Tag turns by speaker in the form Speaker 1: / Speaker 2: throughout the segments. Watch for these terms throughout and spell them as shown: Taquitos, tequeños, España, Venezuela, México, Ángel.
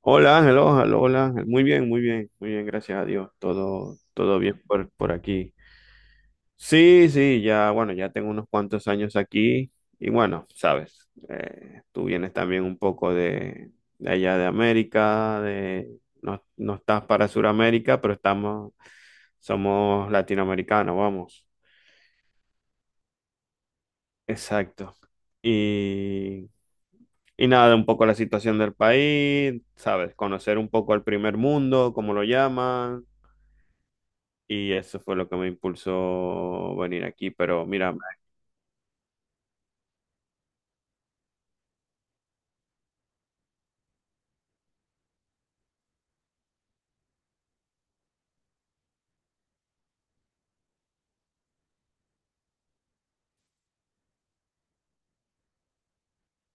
Speaker 1: Hola Ángel, hola Ángel. Muy bien, muy bien, muy bien, gracias a Dios. Todo bien por aquí. Sí, sí, ya, bueno, ya tengo unos cuantos años aquí y bueno, sabes, tú vienes también un poco de allá de América, de, no, no estás para Sudamérica, pero estamos, somos latinoamericanos, vamos. Exacto. Y, y nada, un poco la situación del país, sabes, conocer un poco el primer mundo, como lo llaman. Y eso fue lo que me impulsó venir aquí. Pero mira,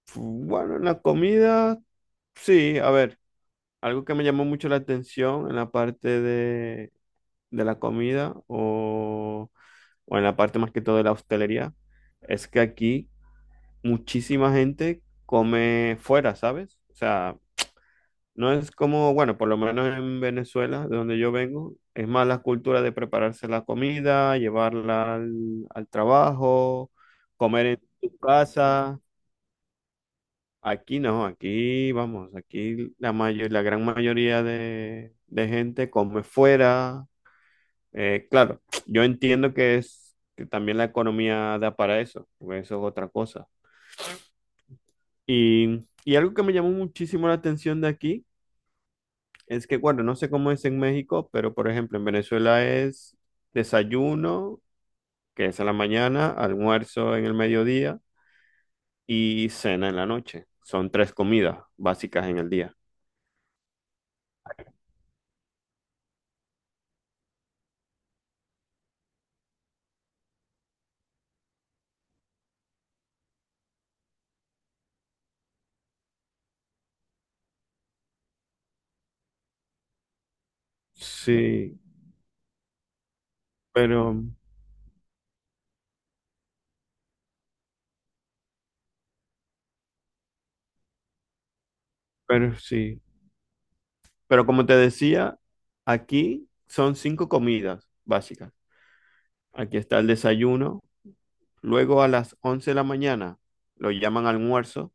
Speaker 1: bueno, en la comida, sí, a ver, algo que me llamó mucho la atención en la parte de, la comida o en la parte más que todo de la hostelería, es que aquí muchísima gente come fuera, ¿sabes? O sea, no es como, bueno, por lo menos en Venezuela, de donde yo vengo, es más la cultura de prepararse la comida, llevarla al trabajo, comer en tu casa. Aquí no, aquí vamos, aquí la mayor, la gran mayoría de gente come fuera. Claro, yo entiendo que es que también la economía da para eso, porque eso es otra cosa. Y algo que me llamó muchísimo la atención de aquí es que, bueno, no sé cómo es en México, pero por ejemplo, en Venezuela es desayuno, que es a la mañana, almuerzo en el mediodía y cena en la noche. Son tres comidas básicas en el día. Sí, pero, pero, sí. Pero como te decía, aquí son cinco comidas básicas. Aquí está el desayuno. Luego a las 11 de la mañana lo llaman almuerzo,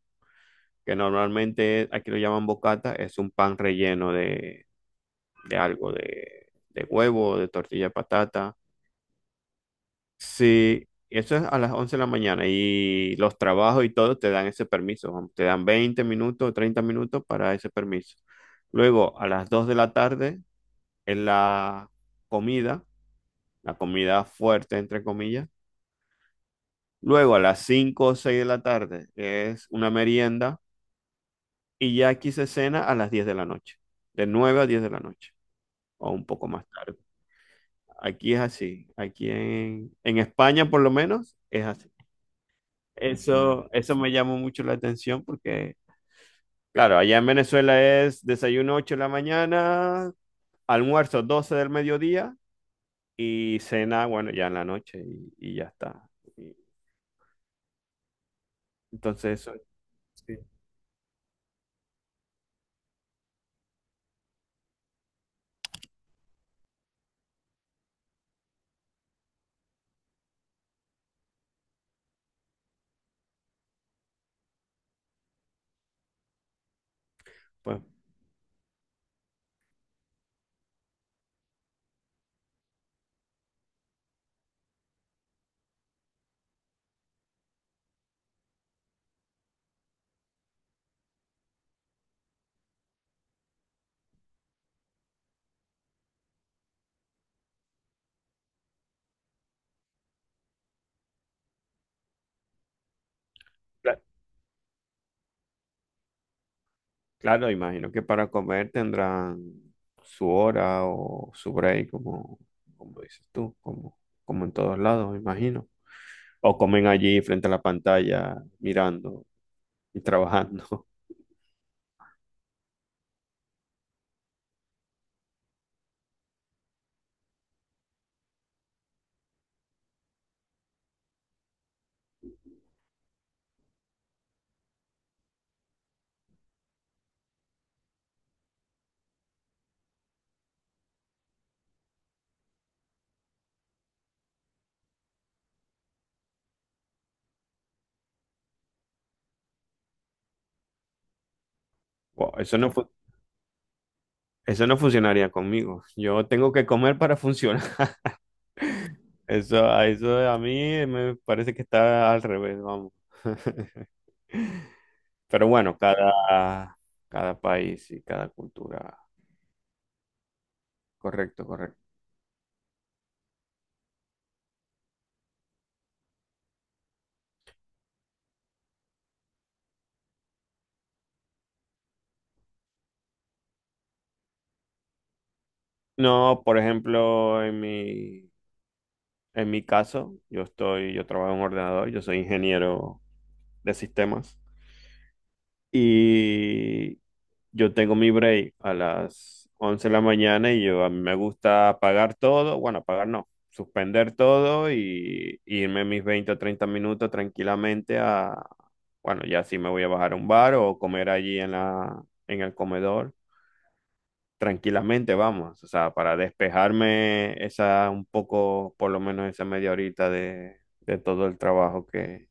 Speaker 1: que normalmente aquí lo llaman bocata, es un pan relleno de algo, de huevo, de tortilla de patata. Sí, eso es a las 11 de la mañana y los trabajos y todo te dan ese permiso, te dan 20 minutos, 30 minutos para ese permiso. Luego, a las 2 de la tarde es comida, la comida fuerte, entre comillas. Luego, a las 5 o 6 de la tarde es una merienda y ya aquí se cena a las 10 de la noche, de 9 a 10 de la noche o un poco más tarde. Aquí es así. Aquí en España, por lo menos, es así. Eso me llamó mucho la atención porque, claro, allá en Venezuela es desayuno 8 de la mañana, almuerzo 12 del mediodía y cena, bueno, ya en la noche y ya está. Y entonces, eso, sí, pues, cla- claro, imagino que para comer tendrán su hora o su break, como dices tú, como en todos lados, imagino. O comen allí frente a la pantalla, mirando y trabajando. Wow, eso no funcionaría conmigo. Yo tengo que comer para funcionar. Eso, a eso a mí me parece que está al revés, vamos. Pero bueno, cada país y cada cultura. Correcto, correcto. No, por ejemplo, en mi caso, yo trabajo en un ordenador, yo soy ingeniero de sistemas. Y yo tengo mi break a las 11 de la mañana y yo a mí me gusta apagar todo, bueno, apagar no, suspender todo y irme mis 20 o 30 minutos tranquilamente a, bueno, ya sí me voy a bajar a un bar o comer allí en la, en el comedor, tranquilamente vamos, o sea, para despejarme esa un poco, por lo menos esa media horita de todo el trabajo que,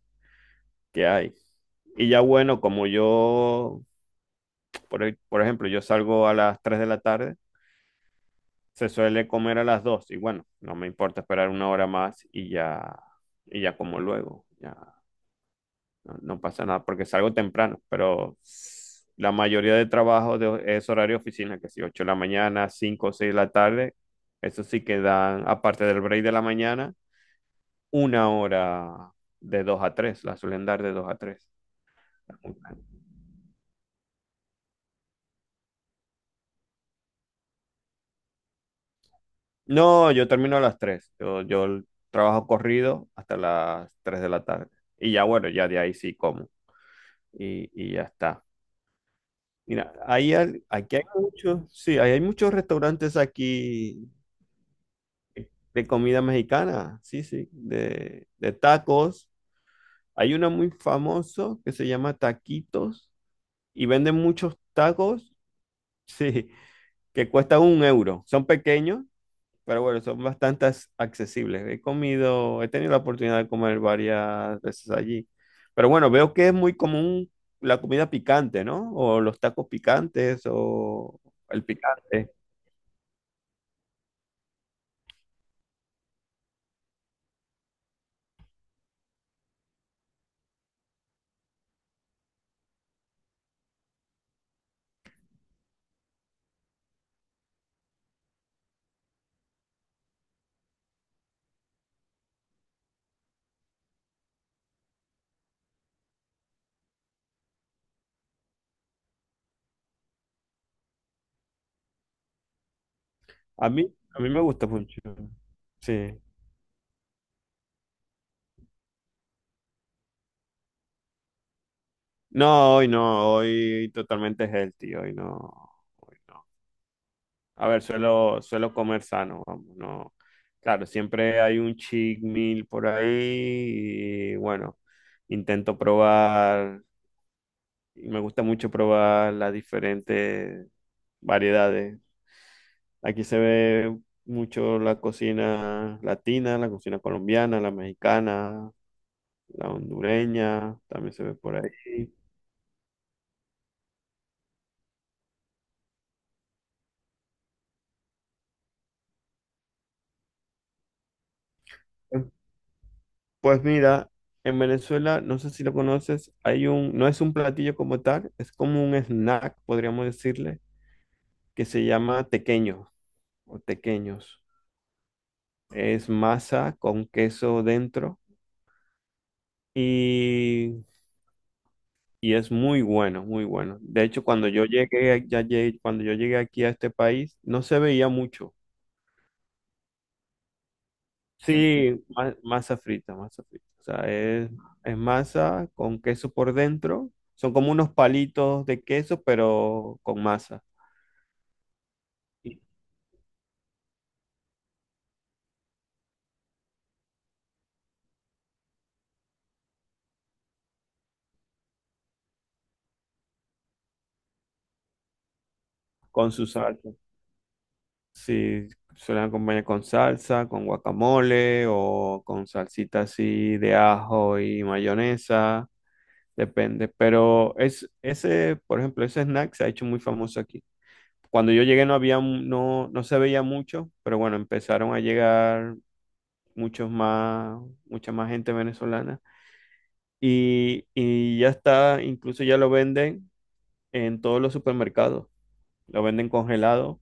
Speaker 1: que hay. Y ya bueno, como yo, por ejemplo, yo salgo a las 3 de la tarde, se suele comer a las 2 y bueno, no me importa esperar una hora más y ya como luego, ya no, no pasa nada porque salgo temprano, pero la mayoría de trabajo es horario oficina, que si 8 de la mañana, 5 o 6 de la tarde, eso sí que dan, aparte del break de la mañana, una hora de 2 a 3 la suelen dar de 2 a 3. No, yo termino a las 3, yo trabajo corrido hasta las 3 de la tarde y ya bueno, ya de ahí sí como y ya está. Mira, aquí hay muchos, sí, ahí hay muchos restaurantes aquí de comida mexicana, sí, sí, de tacos. Hay uno muy famoso que se llama Taquitos y venden muchos tacos, sí, que cuestan 1 euro. Son pequeños, pero bueno, son bastante accesibles. He comido, he tenido la oportunidad de comer varias veces allí. Pero bueno, veo que es muy común la comida picante, ¿no? O los tacos picantes o el picante. A mí, a mí me gusta mucho. Sí. No, hoy no, hoy totalmente healthy, hoy no, hoy no. A ver, suelo, suelo comer sano, vamos, no. Claro, siempre hay un cheat meal por ahí y bueno, intento probar, y me gusta mucho probar las diferentes variedades. Aquí se ve mucho la cocina latina, la cocina colombiana, la mexicana, la hondureña, también se ve por ahí. Pues mira, en Venezuela, no sé si lo conoces, hay un, no es un platillo como tal, es como un snack, podríamos decirle, que se llama tequeño o tequeños. Es masa con queso dentro y, y es muy bueno, muy bueno. De hecho, cuando yo llegué, cuando yo llegué aquí a este país, no se veía mucho. Sí, masa frita, masa frita. O sea, es, masa con queso por dentro. Son como unos palitos de queso, pero con masa y con su salsa. Sí, suelen acompañar con salsa, con guacamole o con salsita así de ajo y mayonesa. Depende. Pero es, ese, por ejemplo, ese snack se ha hecho muy famoso aquí. Cuando yo llegué no había, no, no se veía mucho, pero bueno, empezaron a llegar muchos más, mucha más gente venezolana. Y ya está, incluso ya lo venden en todos los supermercados, lo venden congelado.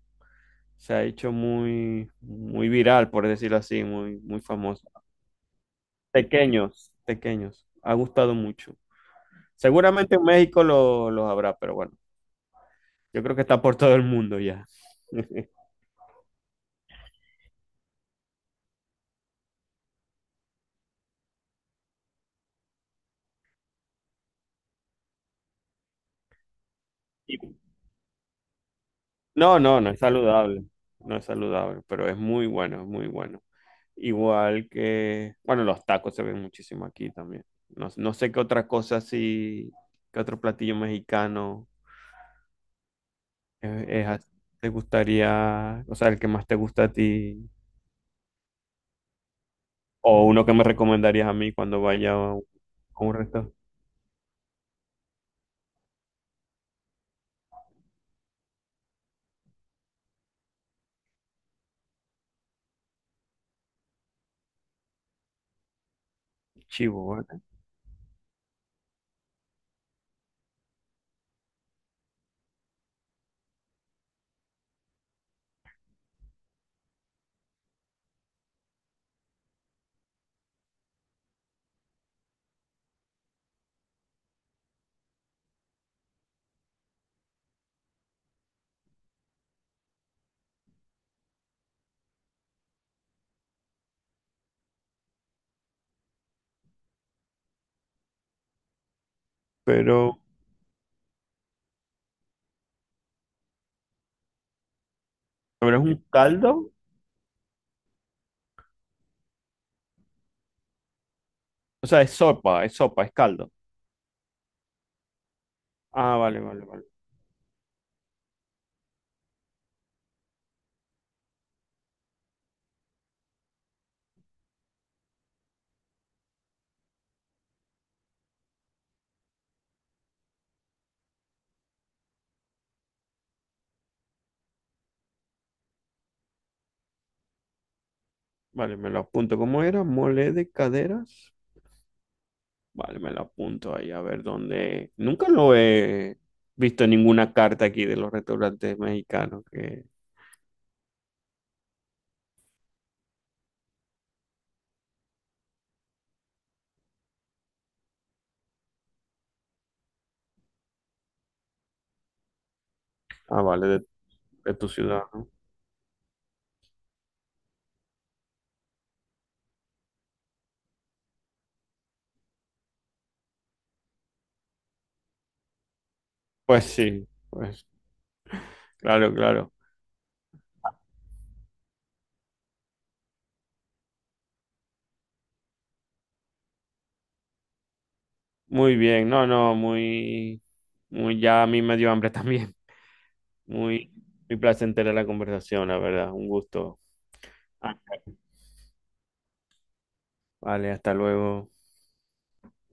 Speaker 1: Se ha hecho muy, muy viral, por decirlo así, muy, muy famoso. Pequeños, pequeños, ha gustado mucho. Seguramente en México los habrá, pero bueno, yo creo que está por todo el mundo ya. Y no, no, no es saludable, no es saludable, pero es muy bueno, es muy bueno. Igual que, bueno, los tacos se ven muchísimo aquí también. No, no sé qué otra cosa así, qué otro platillo mexicano es, te gustaría, o sea, el que más te gusta a ti, o uno que me recomendarías a mí cuando vaya a un, restaurante chivo, ¿vale? Pero, pero es un caldo, o sea, es sopa, es sopa, es caldo. Ah, vale, vale, vale. Vale, me lo apunto. ¿Cómo era? Mole de caderas. Vale, me lo apunto ahí a ver dónde. Nunca lo he visto en ninguna carta aquí de los restaurantes mexicanos que... Ah, vale, de tu ciudad, ¿no? Pues sí, pues claro, claro. Muy bien, no, no, ya a mí me dio hambre también. Muy, muy placentera la conversación, la verdad, un gusto. Ah. Vale, hasta luego.